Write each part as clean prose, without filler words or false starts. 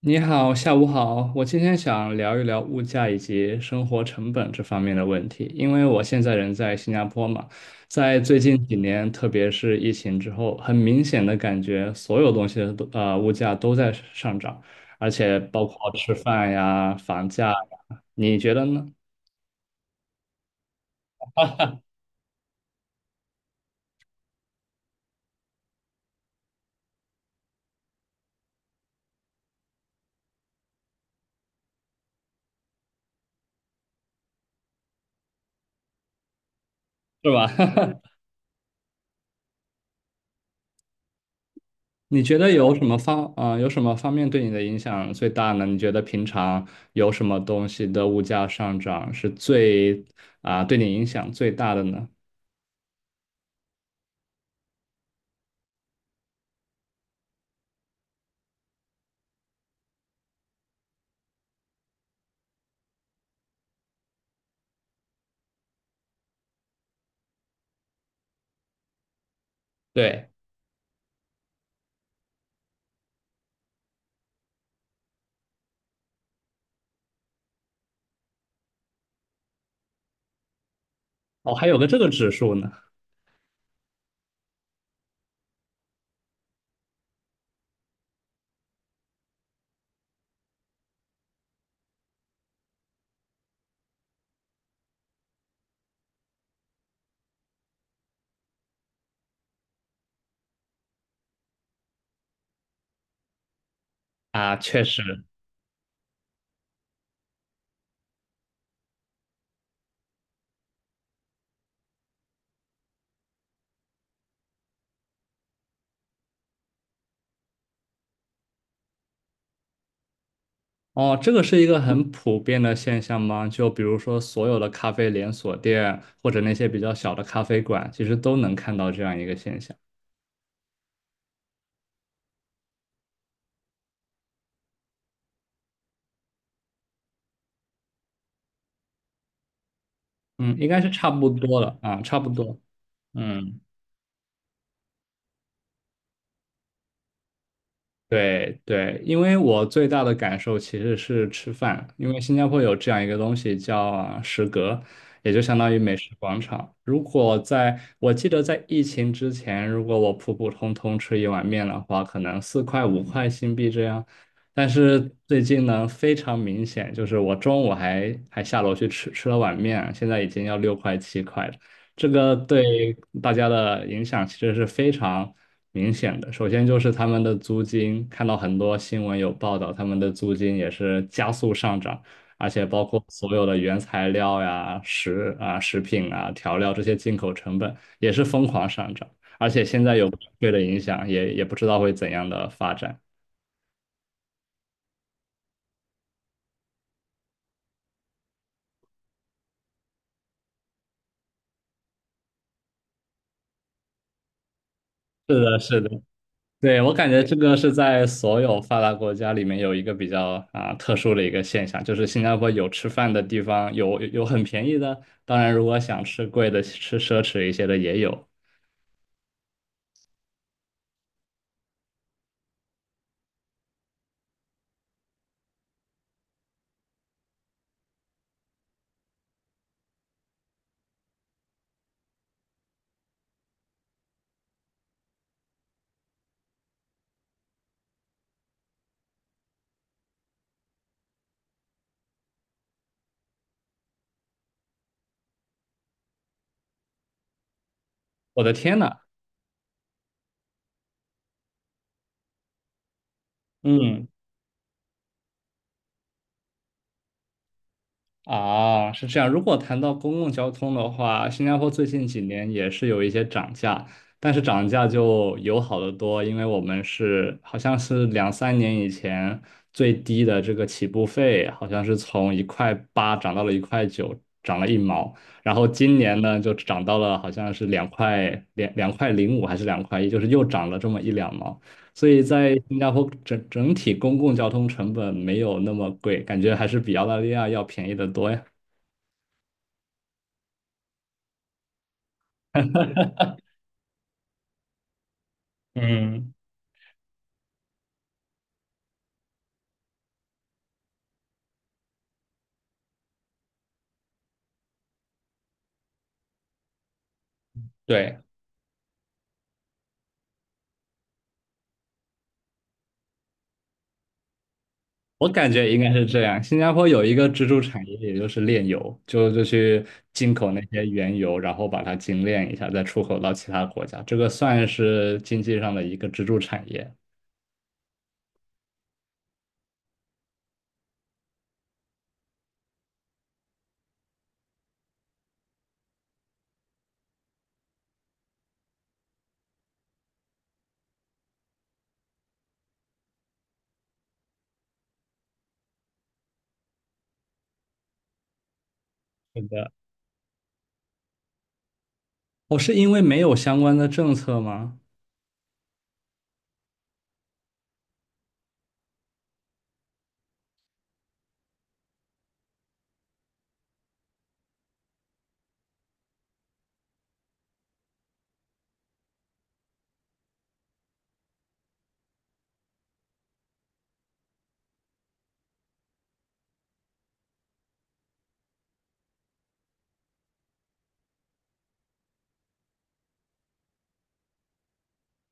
你好，下午好。我今天想聊一聊物价以及生活成本这方面的问题，因为我现在人在新加坡嘛，在最近几年，特别是疫情之后，很明显的感觉所有东西的都物价都在上涨，而且包括吃饭呀、房价呀，你觉得呢？是吧？你觉得有什么方面对你的影响最大呢？你觉得平常有什么东西的物价上涨是最啊、对你影响最大的呢？对。哦，还有个这个指数呢。啊，确实。哦，这个是一个很普遍的现象吗？就比如说所有的咖啡连锁店或者那些比较小的咖啡馆，其实都能看到这样一个现象。嗯，应该是差不多了啊，差不多。嗯。对对，因为我最大的感受其实是吃饭，因为新加坡有这样一个东西叫啊食阁，也就相当于美食广场。如果在，我记得在疫情之前，如果我普普通通吃一碗面的话，可能4块5块新币这样。但是最近呢，非常明显，就是我中午还下楼去吃了碗面，现在已经要6块7块了。这个对大家的影响其实是非常明显的。首先就是他们的租金，看到很多新闻有报道，他们的租金也是加速上涨，而且包括所有的原材料呀、食品啊、调料这些进口成本也是疯狂上涨。而且现在有对的影响，也不知道会怎样的发展。是的，是的。对，我感觉这个是在所有发达国家里面有一个比较特殊的一个现象，就是新加坡有吃饭的地方，有很便宜的，当然如果想吃贵的、吃奢侈一些的也有。我的天呐。嗯。啊，是这样。如果谈到公共交通的话，新加坡最近几年也是有一些涨价，但是涨价就友好的多，因为我们是好像是两三年以前最低的这个起步费，好像是从1块8涨到了1块9，涨了一毛。然后今年呢，就涨到了好像是两块零五还是2块1，就是又涨了这么一两毛。所以在新加坡整体公共交通成本没有那么贵，感觉还是比澳大利亚要便宜的多呀。嗯，对，我感觉应该是这样。新加坡有一个支柱产业，也就是炼油，就去进口那些原油，然后把它精炼一下，再出口到其他国家。这个算是经济上的一个支柱产业。是的，我是因为没有相关的政策吗？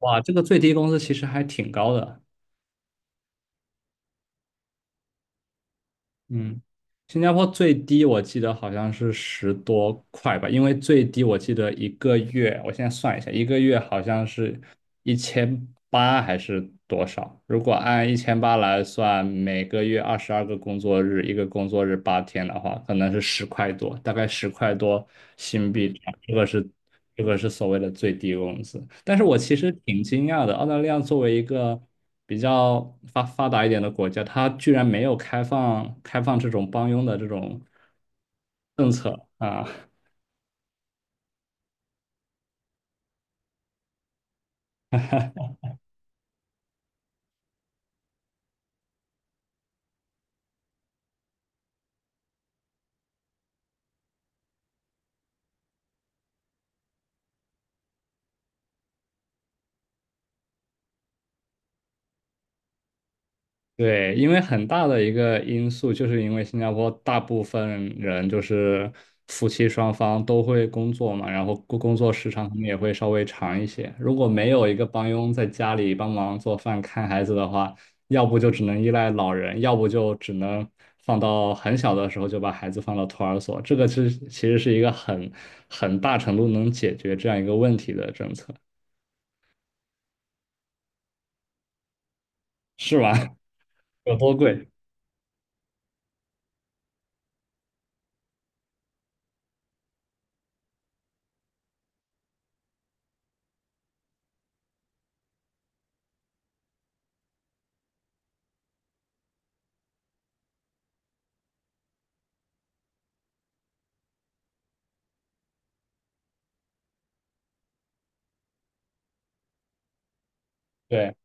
哇，这个最低工资其实还挺高的。嗯，新加坡最低我记得好像是十多块吧，因为最低我记得一个月，我现在算一下，一个月好像是一千八还是多少？如果按一千八来算，每个月22个工作日，一个工作日八天的话，可能是十块多，大概十块多新币这样这个是所谓的最低工资。但是我其实挺惊讶的，澳大利亚作为一个比较发达一点的国家，它居然没有开放这种帮佣的这种政策啊。对，因为很大的一个因素，就是因为新加坡大部分人就是夫妻双方都会工作嘛，然后工作时长可能也会稍微长一些。如果没有一个帮佣在家里帮忙做饭、看孩子的话，要不就只能依赖老人，要不就只能放到很小的时候就把孩子放到托儿所。这个是其实是一个很很大程度能解决这样一个问题的政策，是吗？有多贵？对。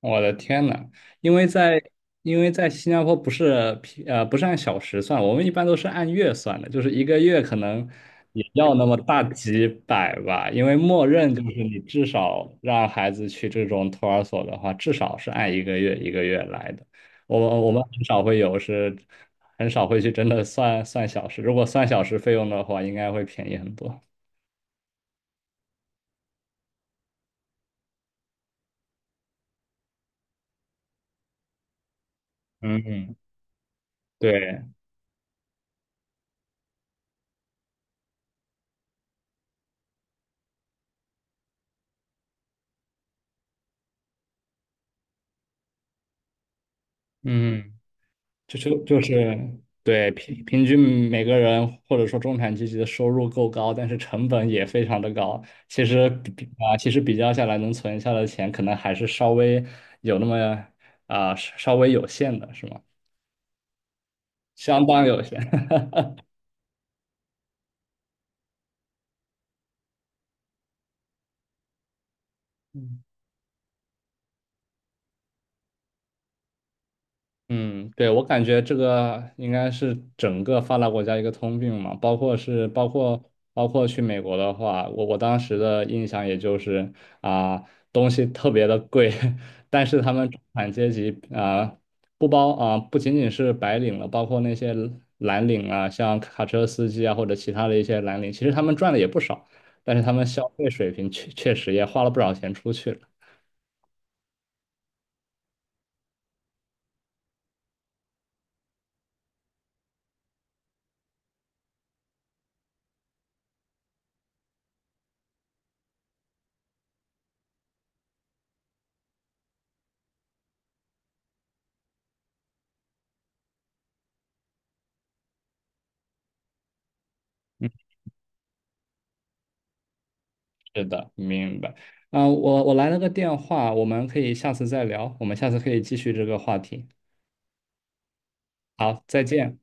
我的天呐，因为在因为在新加坡不是按小时算，我们一般都是按月算的，就是一个月可能也要那么大几百吧，因为默认就是你至少让孩子去这种托儿所的话，至少是按一个月一个月来的。我们很少会有是很少会去真的算算小时，如果算小时费用的话，应该会便宜很多。嗯，对，嗯。就是就是对平均每个人或者说中产阶级的收入够高，但是成本也非常的高。其实比比啊，其实比较下来，能存下的钱可能还是稍微有那么稍微有限的，是吗？相当有限。嗯，对，我感觉这个应该是整个发达国家一个通病嘛，包括是包括包括去美国的话，我当时的印象也就是啊、东西特别的贵，但是他们中产阶级不包啊、不仅仅是白领了，包括那些蓝领啊，像卡车司机啊或者其他的一些蓝领，其实他们赚的也不少，但是他们消费水平确实也花了不少钱出去了。嗯。是的，明白。我来了个电话，我们可以下次再聊，我们下次可以继续这个话题。好，再见。